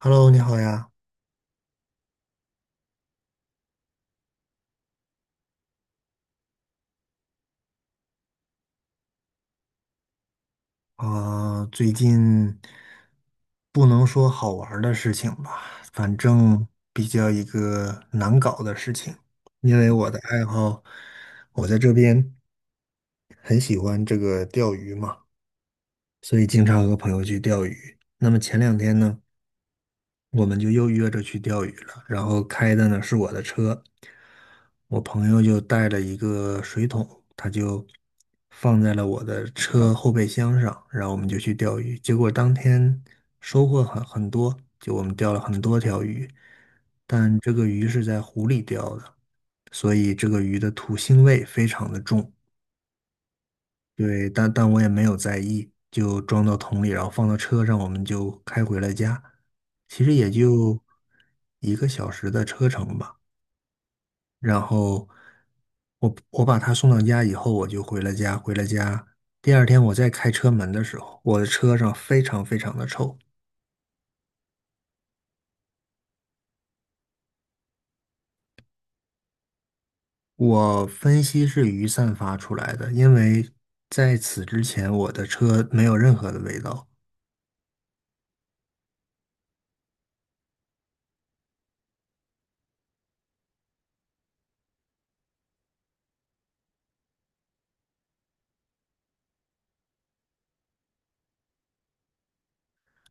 Hello，你好呀。最近不能说好玩儿的事情吧，反正比较一个难搞的事情。因为我的爱好，我在这边很喜欢这个钓鱼嘛，所以经常和朋友去钓鱼。那么前两天呢，我们就又约着去钓鱼了。然后开的呢是我的车，我朋友就带了一个水桶，他就放在了我的车后备箱上，然后我们就去钓鱼。结果当天收获很多，就我们钓了很多条鱼，但这个鱼是在湖里钓的，所以这个鱼的土腥味非常的重。对，但我也没有在意，就装到桶里，然后放到车上，我们就开回了家。其实也就一个小时的车程吧。然后我把他送到家以后，我就回了家。回了家，第二天我再开车门的时候，我的车上非常非常的臭。我分析是鱼散发出来的，因为在此之前我的车没有任何的味道。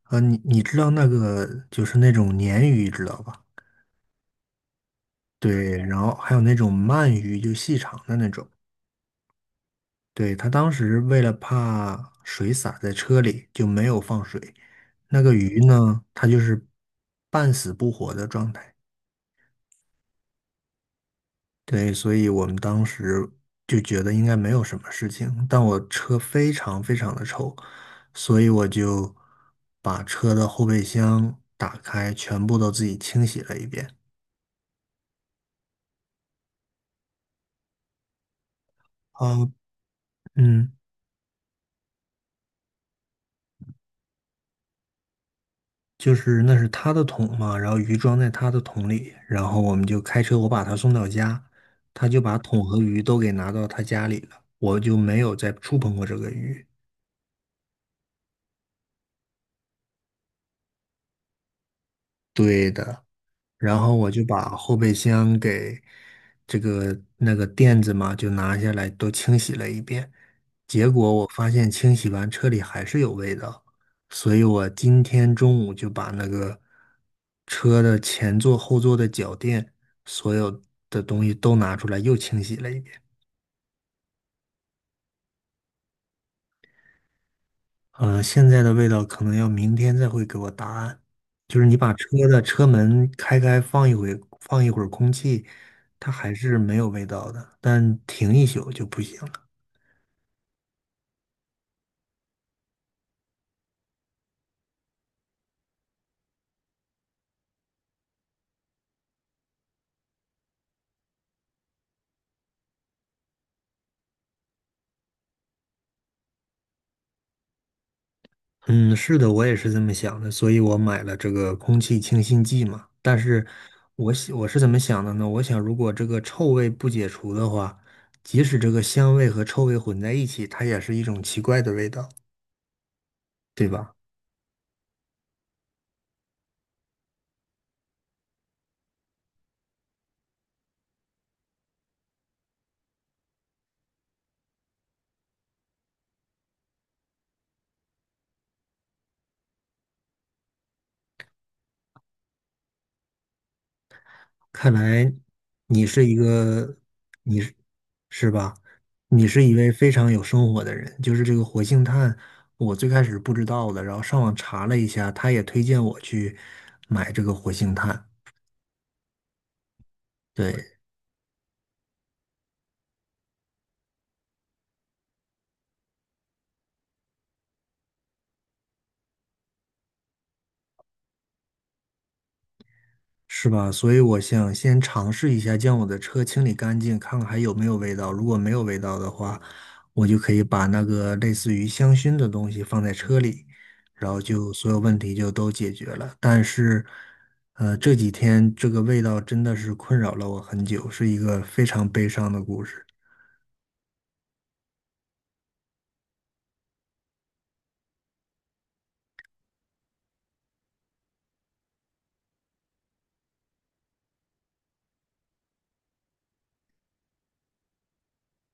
你知道那个就是那种鲶鱼，知道吧？对，然后还有那种鳗鱼，就细长的那种。对，他当时为了怕水洒在车里，就没有放水。那个鱼呢，它就是半死不活的状态。对，所以我们当时就觉得应该没有什么事情。但我车非常非常的臭，所以我就把车的后备箱打开，全部都自己清洗了一遍。啊，嗯。就是那是他的桶嘛，然后鱼装在他的桶里，然后我们就开车，我把他送到家，他就把桶和鱼都给拿到他家里了，我就没有再触碰过这个鱼。对的。然后我就把后备箱给这个那个垫子嘛，就拿下来都清洗了一遍。结果我发现清洗完车里还是有味道，所以我今天中午就把那个车的前座、后座的脚垫，所有的东西都拿出来又清洗了一遍。嗯、现在的味道可能要明天再会给我答案。把车的车门开开，放一会，放一会儿空气，它还是没有味道的，但停一宿就不行了。嗯，是的，我也是这么想的，所以我买了这个空气清新剂嘛。但是我想我是怎么想的呢？我想如果这个臭味不解除的话，即使这个香味和臭味混在一起，它也是一种奇怪的味道，对吧？看来你是一个，你是是吧？你是一位非常有生活的人。就是这个活性炭，我最开始不知道的，然后上网查了一下，他也推荐我去买这个活性炭。对，是吧？所以我想先尝试一下将我的车清理干净，看看还有没有味道。如果没有味道的话，我就可以把那个类似于香薰的东西放在车里，然后就所有问题就都解决了。但是，这几天这个味道真的是困扰了我很久，是一个非常悲伤的故事。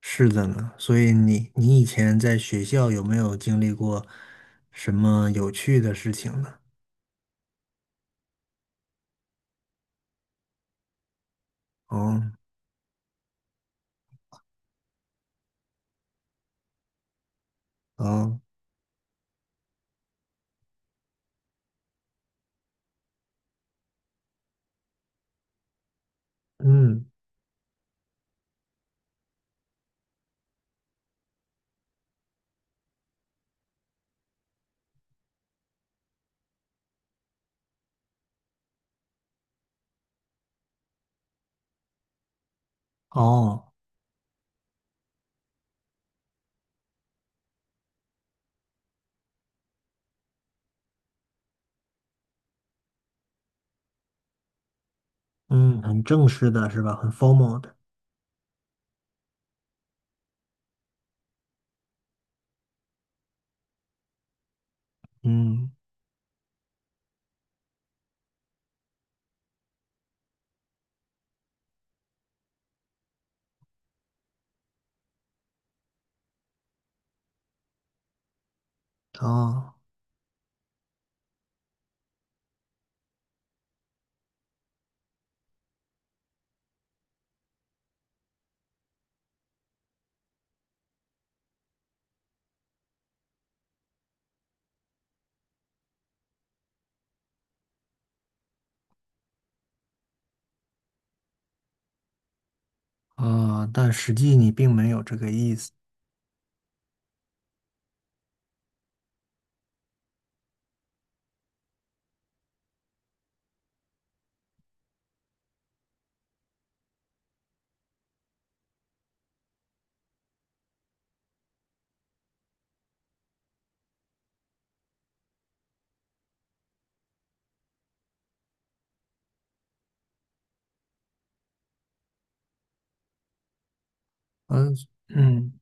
是的呢，所以你以前在学校有没有经历过什么有趣的事情呢？哦哦，嗯哦。嗯，很正式的是吧？很 formal 的，嗯，哦，哦，但实际你并没有这个意思，嗯嗯，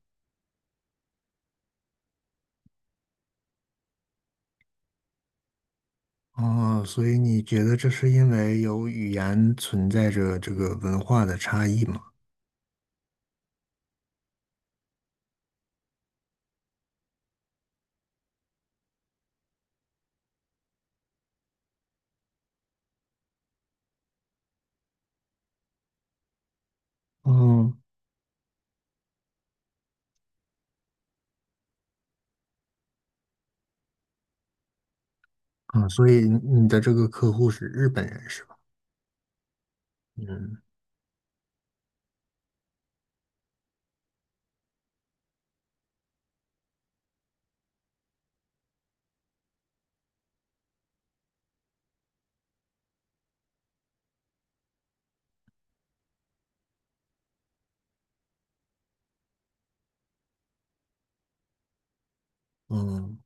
哦，所以你觉得这是因为有语言存在着这个文化的差异吗？嗯嗯，所以你的这个客户是日本人是吧？嗯嗯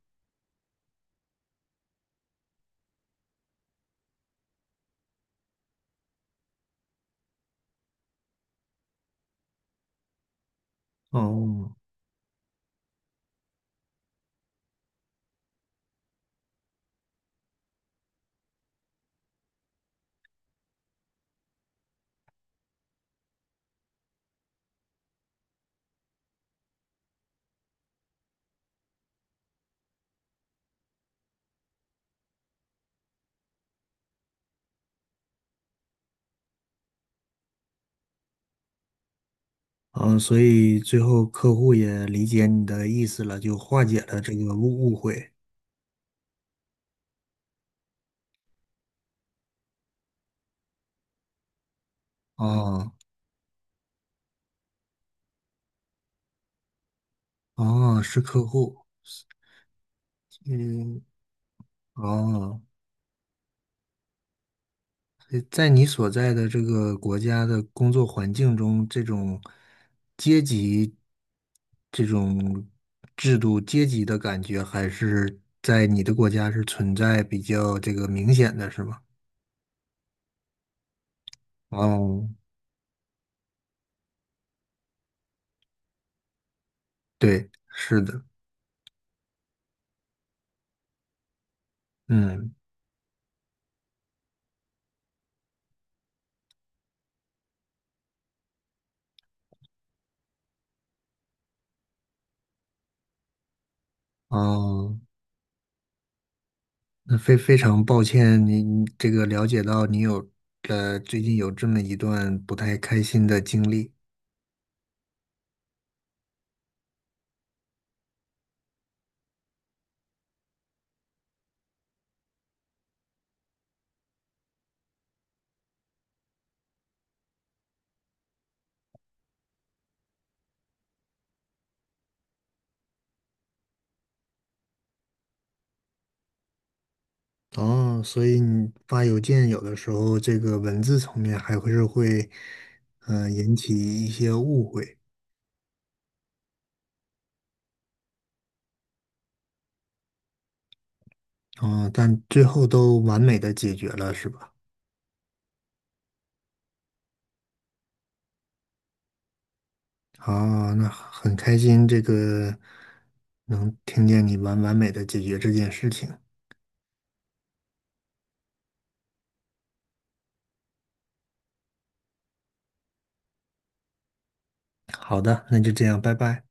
哦嗯，所以最后客户也理解你的意思了，就化解了这个误会。哦哦，是客户，嗯哦。在你所在的这个国家的工作环境中，这种阶级、这种制度、阶级的感觉，还是在你的国家是存在比较这个明显的，是吗？哦，对，是的，嗯，哦，那非常抱歉，您这个了解到你有最近有这么一段不太开心的经历。哦，所以你发邮件有的时候这个文字层面还会是会，引起一些误会，嗯，但最后都完美的解决了，是吧？哦，那很开心，这个能听见你完美的解决这件事情。好的，那就这样，拜拜。